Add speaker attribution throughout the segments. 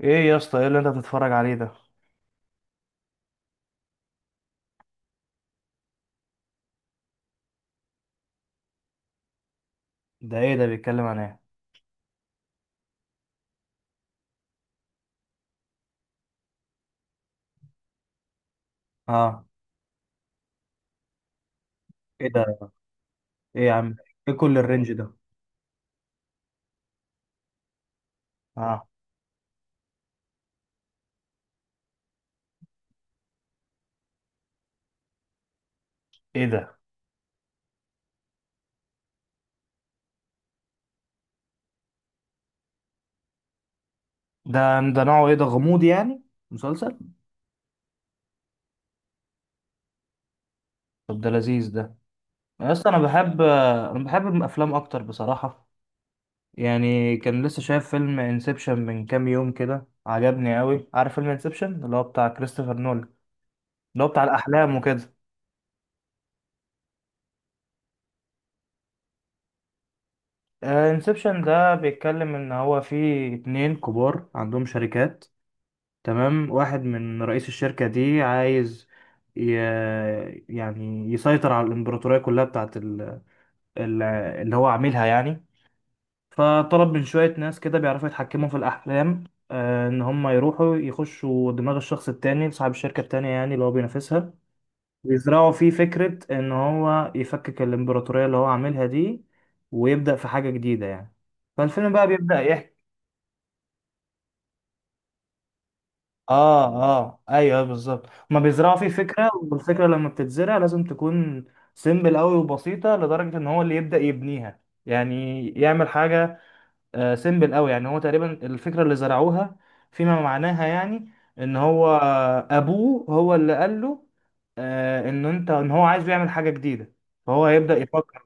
Speaker 1: ايه يا اسطى؟ ايه اللي انت بتتفرج عليه ده؟ ده ايه ده؟ بيتكلم عن ايه؟ اه. ايه ده؟ ايه يا عم؟ ايه كل الرينج ده؟ اه. ايه ده؟ ده ده نوعه ايه ده؟ غموض يعني؟ مسلسل؟ طب ده لذيذ ده. يا اسطى، انا بحب الافلام اكتر بصراحة. يعني كان لسه شايف فيلم انسبشن من كام يوم كده، عجبني قوي. عارف فيلم انسبشن اللي هو بتاع كريستوفر نولان، اللي هو بتاع الاحلام وكده؟ آه، انسبشن ده بيتكلم ان هو في اتنين كبار عندهم شركات. تمام، واحد من رئيس الشركة دي عايز ي... يعني يسيطر على الإمبراطورية كلها بتاعت اللي هو عاملها يعني. فطلب من شوية ناس كده بيعرفوا يتحكموا في الأحلام، آه، إن هم يروحوا يخشوا دماغ الشخص التاني صاحب الشركة التانية، يعني اللي هو بينافسها، ويزرعوا فيه فكرة إن هو يفكك الإمبراطورية اللي هو عاملها دي ويبدأ في حاجة جديدة يعني. فالفيلم بقى بيبدأ يحكي. اه، اه، ايوه، أيوه، بالظبط، هما بيزرعوا فيه فكره، والفكره لما بتتزرع لازم تكون سيمبل قوي وبسيطه لدرجه ان هو اللي يبدا يبنيها، يعني يعمل حاجه سيمبل قوي. يعني هو تقريبا الفكره اللي زرعوها فيما معناها يعني ان هو ابوه هو اللي قال له آه ان انت ان هو عايز يعمل حاجه جديده، فهو هيبدا يفكر.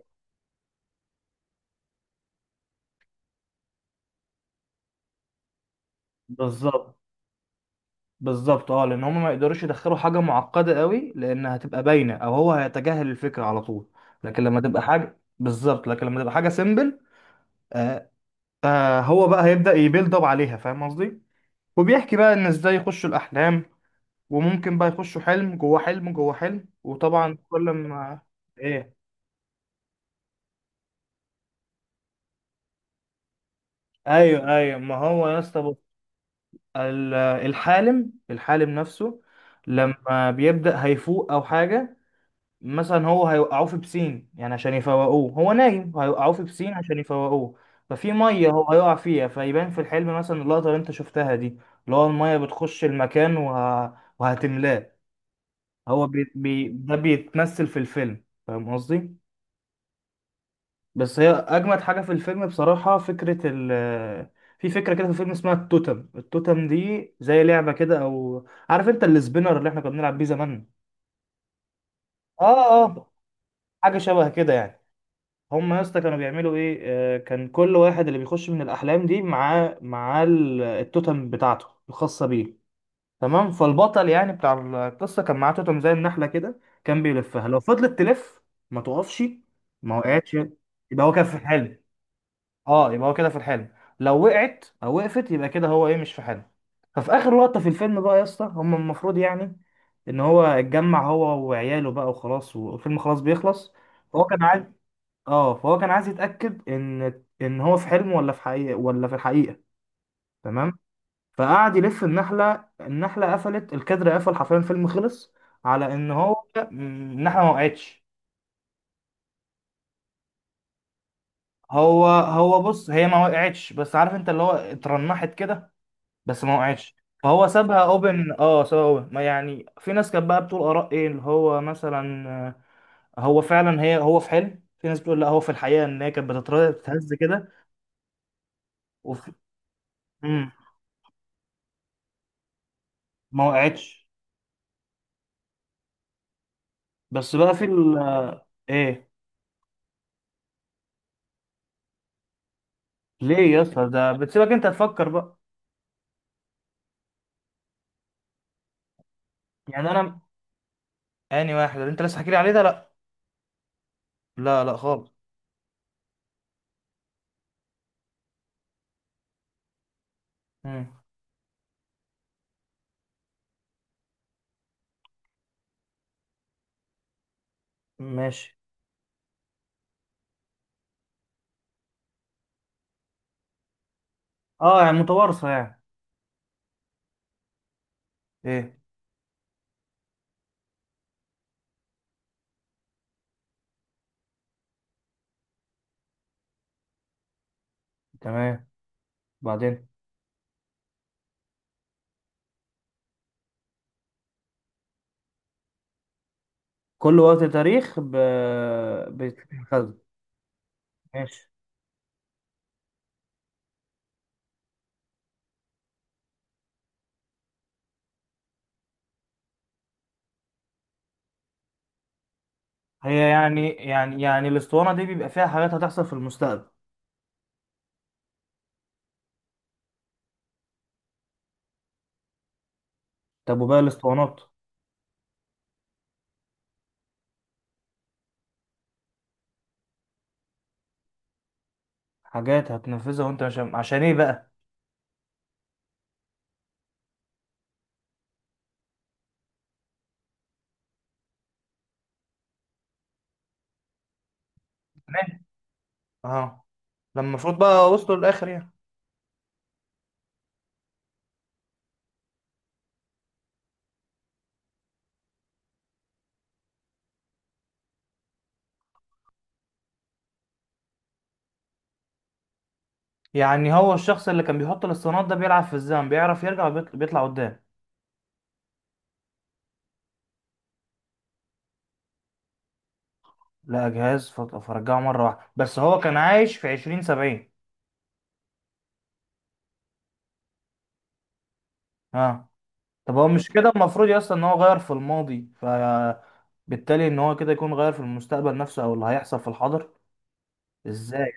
Speaker 1: بالظبط بالظبط. اه، لان هم ما يقدروش يدخلوا حاجه معقده قوي، لان هتبقى باينه او هو هيتجاهل الفكره على طول. لكن لما تبقى حاجه سيمبل. آه آه، هو بقى هيبدا يبيلد اب عليها، فاهم قصدي؟ وبيحكي بقى ان ازاي يخشوا الاحلام، وممكن بقى يخشوا حلم جوه حلم جوه حلم. وطبعا كل ما... ايه، ايوه، ايوه، ما هو يا اسطى بص، ال- الحالم نفسه لما بيبدا هيفوق او حاجه، مثلا هو هيوقعوه في بسين يعني عشان يفوقوه. هو نايم، هيوقعوه في بسين عشان يفوقوه، ففي ميه هو هيقع فيها، فيبان في الحلم مثلا اللقطه اللي انت شفتها دي، اللي هو الميه بتخش المكان وهتملاه. هو ده بيتمثل في الفيلم، فاهم قصدي؟ بس هي اجمد حاجه في الفيلم بصراحه فكره في فكره كده في الفيلم اسمها التوتم. التوتم دي زي لعبه كده، او عارف انت السبينر اللي احنا كنا بنلعب بيه زمان؟ اه، حاجه شبه كده يعني. هم يا اسطى كانوا بيعملوا ايه؟ آه، كان كل واحد اللي بيخش من الاحلام دي معاه التوتم بتاعته الخاصه بيه. تمام، فالبطل يعني بتاع القصه كان معاه توتم زي النحله كده، كان بيلفها، لو فضلت تلف ما توقفش ما وقعتش يبقى هو كان في الحلم. اه، يبقى هو كده في الحلم. لو وقعت او وقفت يبقى كده هو ايه، مش في حلم. ففي اخر لقطه في الفيلم بقى يا اسطى، هم المفروض يعني ان هو اتجمع هو وعياله بقى وخلاص، والفيلم خلاص بيخلص. هو كان عايز... اه، فهو كان عايز يتأكد ان هو في حلم ولا في حقيقة، ولا في الحقيقة. تمام. فقعد يلف النحلة، النحلة قفلت، الكادر قفل، حرفيا الفيلم خلص، على ان هو... مم، النحلة ما وقعتش. هو بص، هي ما وقعتش بس عارف انت اللي هو اترنحت كده بس ما وقعتش، فهو سابها اوبن. اه، سابها اوبن. ما يعني في ناس كانت بقى بتقول اراء، ايه اللي هو مثلا... آه، هو فعلا هي هو في حلم. في ناس بتقول لا، هو في الحقيقة، ان هي كانت بتتهز كده. وفي... مم، ما وقعتش. بس بقى في ال... ايه؟ ليه يا اسطى، ده بتسيبك انت تفكر بقى. يعني انا، اني واحد اللي انت لسه حكي لي عليه ده؟ لا. لا لا خالص. مم. ماشي. اه، يعني متوارثه يعني. ايه؟ تمام. بعدين. كل وقت تاريخ بيتخذ. ماشي. هي يعني يعني يعني الاسطوانه دي بيبقى فيها حاجات هتحصل في المستقبل؟ طب وباقي الاسطوانات؟ حاجات هتنفذها وانت مش... عشان ايه بقى؟ تمام. اه. لما المفروض بقى وصلوا للاخر يعني؟ يعني هو الشخص اللي كان بيحط الاسطوانات ده بيلعب في الزمن، بيعرف يرجع بيطلع قدام؟ لا، جهاز فرجعه مرة واحدة. بس هو كان عايش في 2070؟ اه. طب هو مش كده المفروض يا اسطى ان هو غير في الماضي، ف بالتالي ان هو كده يكون غير في المستقبل نفسه او اللي هيحصل في الحاضر؟ ازاي؟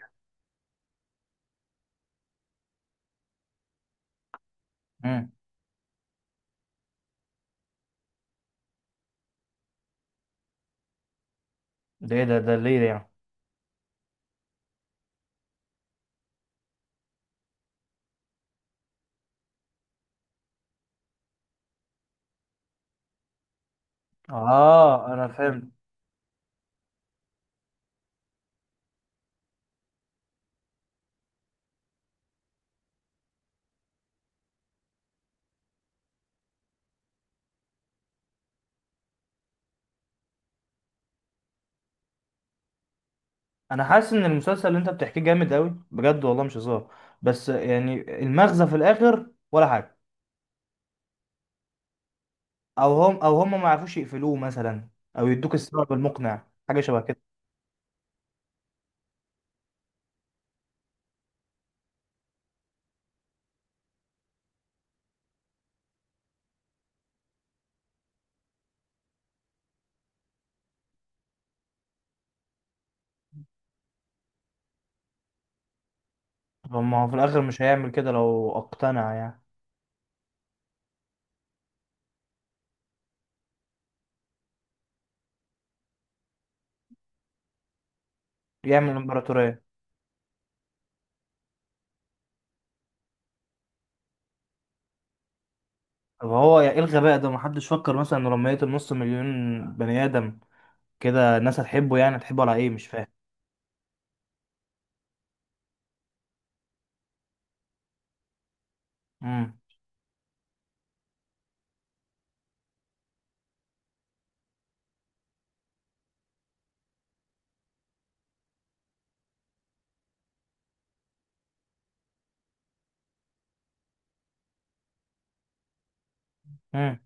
Speaker 1: امم. ده ايه ده؟ ده ليه ده يعني؟ اه، انا فهمت. انا حاسس ان المسلسل اللي انت بتحكيه جامد قوي بجد والله، مش هزار. بس يعني المغزى في الاخر ولا حاجة؟ او هم ما يعرفوش يقفلوه مثلا، او يدوك السبب المقنع حاجه شبه كده؟ طب ما هو في الاخر مش هيعمل كده لو اقتنع يعني. يعمل امبراطوريه. طب هو ايه الغباء ده؟ ما حدش فكر مثلا إنه لما يقتل نص مليون بني ادم كده الناس هتحبه؟ يعني هتحبه على ايه، مش فاهم. امم. امم.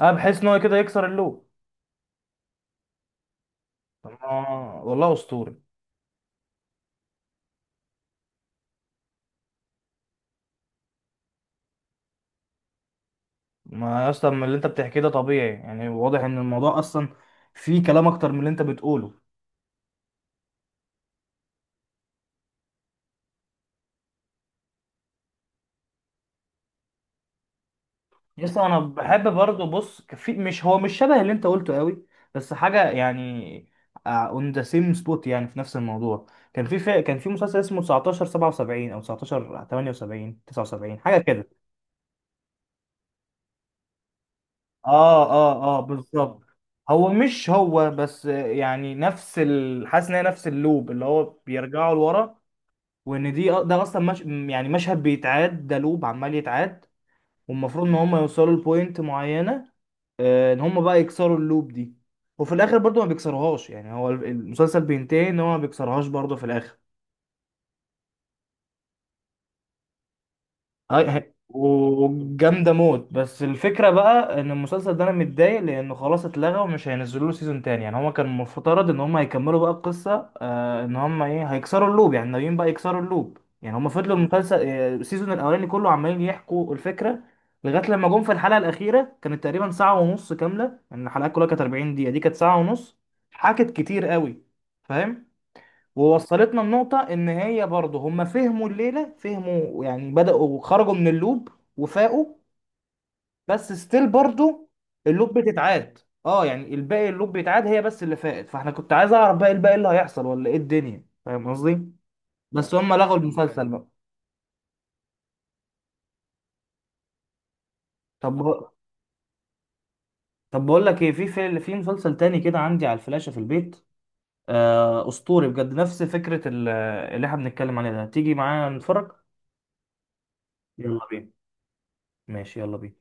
Speaker 1: اه، بحيث ان هو كده يكسر اللوب. طب والله اسطوري. ما يا اسطى، من اللي انت بتحكيه ده طبيعي، يعني واضح ان الموضوع اصلا فيه كلام اكتر من اللي انت بتقوله. يس، انا بحب برضه. بص، في... مش هو، مش شبه اللي انت قلته قوي بس حاجه يعني اون ذا سيم سبوت، يعني في نفس الموضوع. كان في مسلسل اسمه 1977 او 1978 79 حاجه كده. اه، بالظبط. هو مش هو، بس يعني نفس حاسس ان هي نفس اللوب اللي هو بيرجعوا لورا، وان دي آه، ده اصلا مش... يعني مشهد بيتعاد، ده لوب عمال يتعاد، والمفروض ان هم يوصلوا لبوينت معينه، آه، ان هم بقى يكسروا اللوب دي. وفي الاخر برضو ما بيكسروهاش، يعني هو المسلسل بينتهي ان هو ما بيكسرهاش برضو في الاخر. هاي هاي وجامده موت. بس الفكره بقى ان المسلسل ده انا متضايق لانه خلاص اتلغى ومش هينزلوا له سيزون تاني. يعني هما كان المفترض ان هما هيكملوا بقى القصه، آه، ان هما ايه هيكسروا اللوب. يعني ناويين بقى يكسروا اللوب. يعني هما فضلوا المسلسل آه، السيزون الاولاني كله عمالين يحكوا الفكره لغايه لما جم في الحلقه الاخيره، كانت تقريبا ساعه ونص كامله. يعني الحلقات كلها كانت 40 دقيقه، دي كانت ساعه ونص. حكت كتير قوي، فاهم. ووصلتنا النقطة إن هي برضه هم فهموا الليلة، فهموا يعني، بدأوا خرجوا من اللوب وفاقوا. بس ستيل برضه اللوب بتتعاد. اه، يعني الباقي اللوب بيتعاد، هي بس اللي فاقت. فاحنا كنت عايز أعرف بقى الباقي اللي هيحصل ولا إيه الدنيا، فاهم قصدي؟ بس هم لغوا المسلسل بقى. طب، طب بقول لك إيه، في مسلسل تاني كده عندي على الفلاشة في البيت، آه أسطوري بجد نفس فكرة اللي احنا بنتكلم عليها ده، تيجي معايا نتفرج؟ يلا بينا. ماشي، يلا بينا.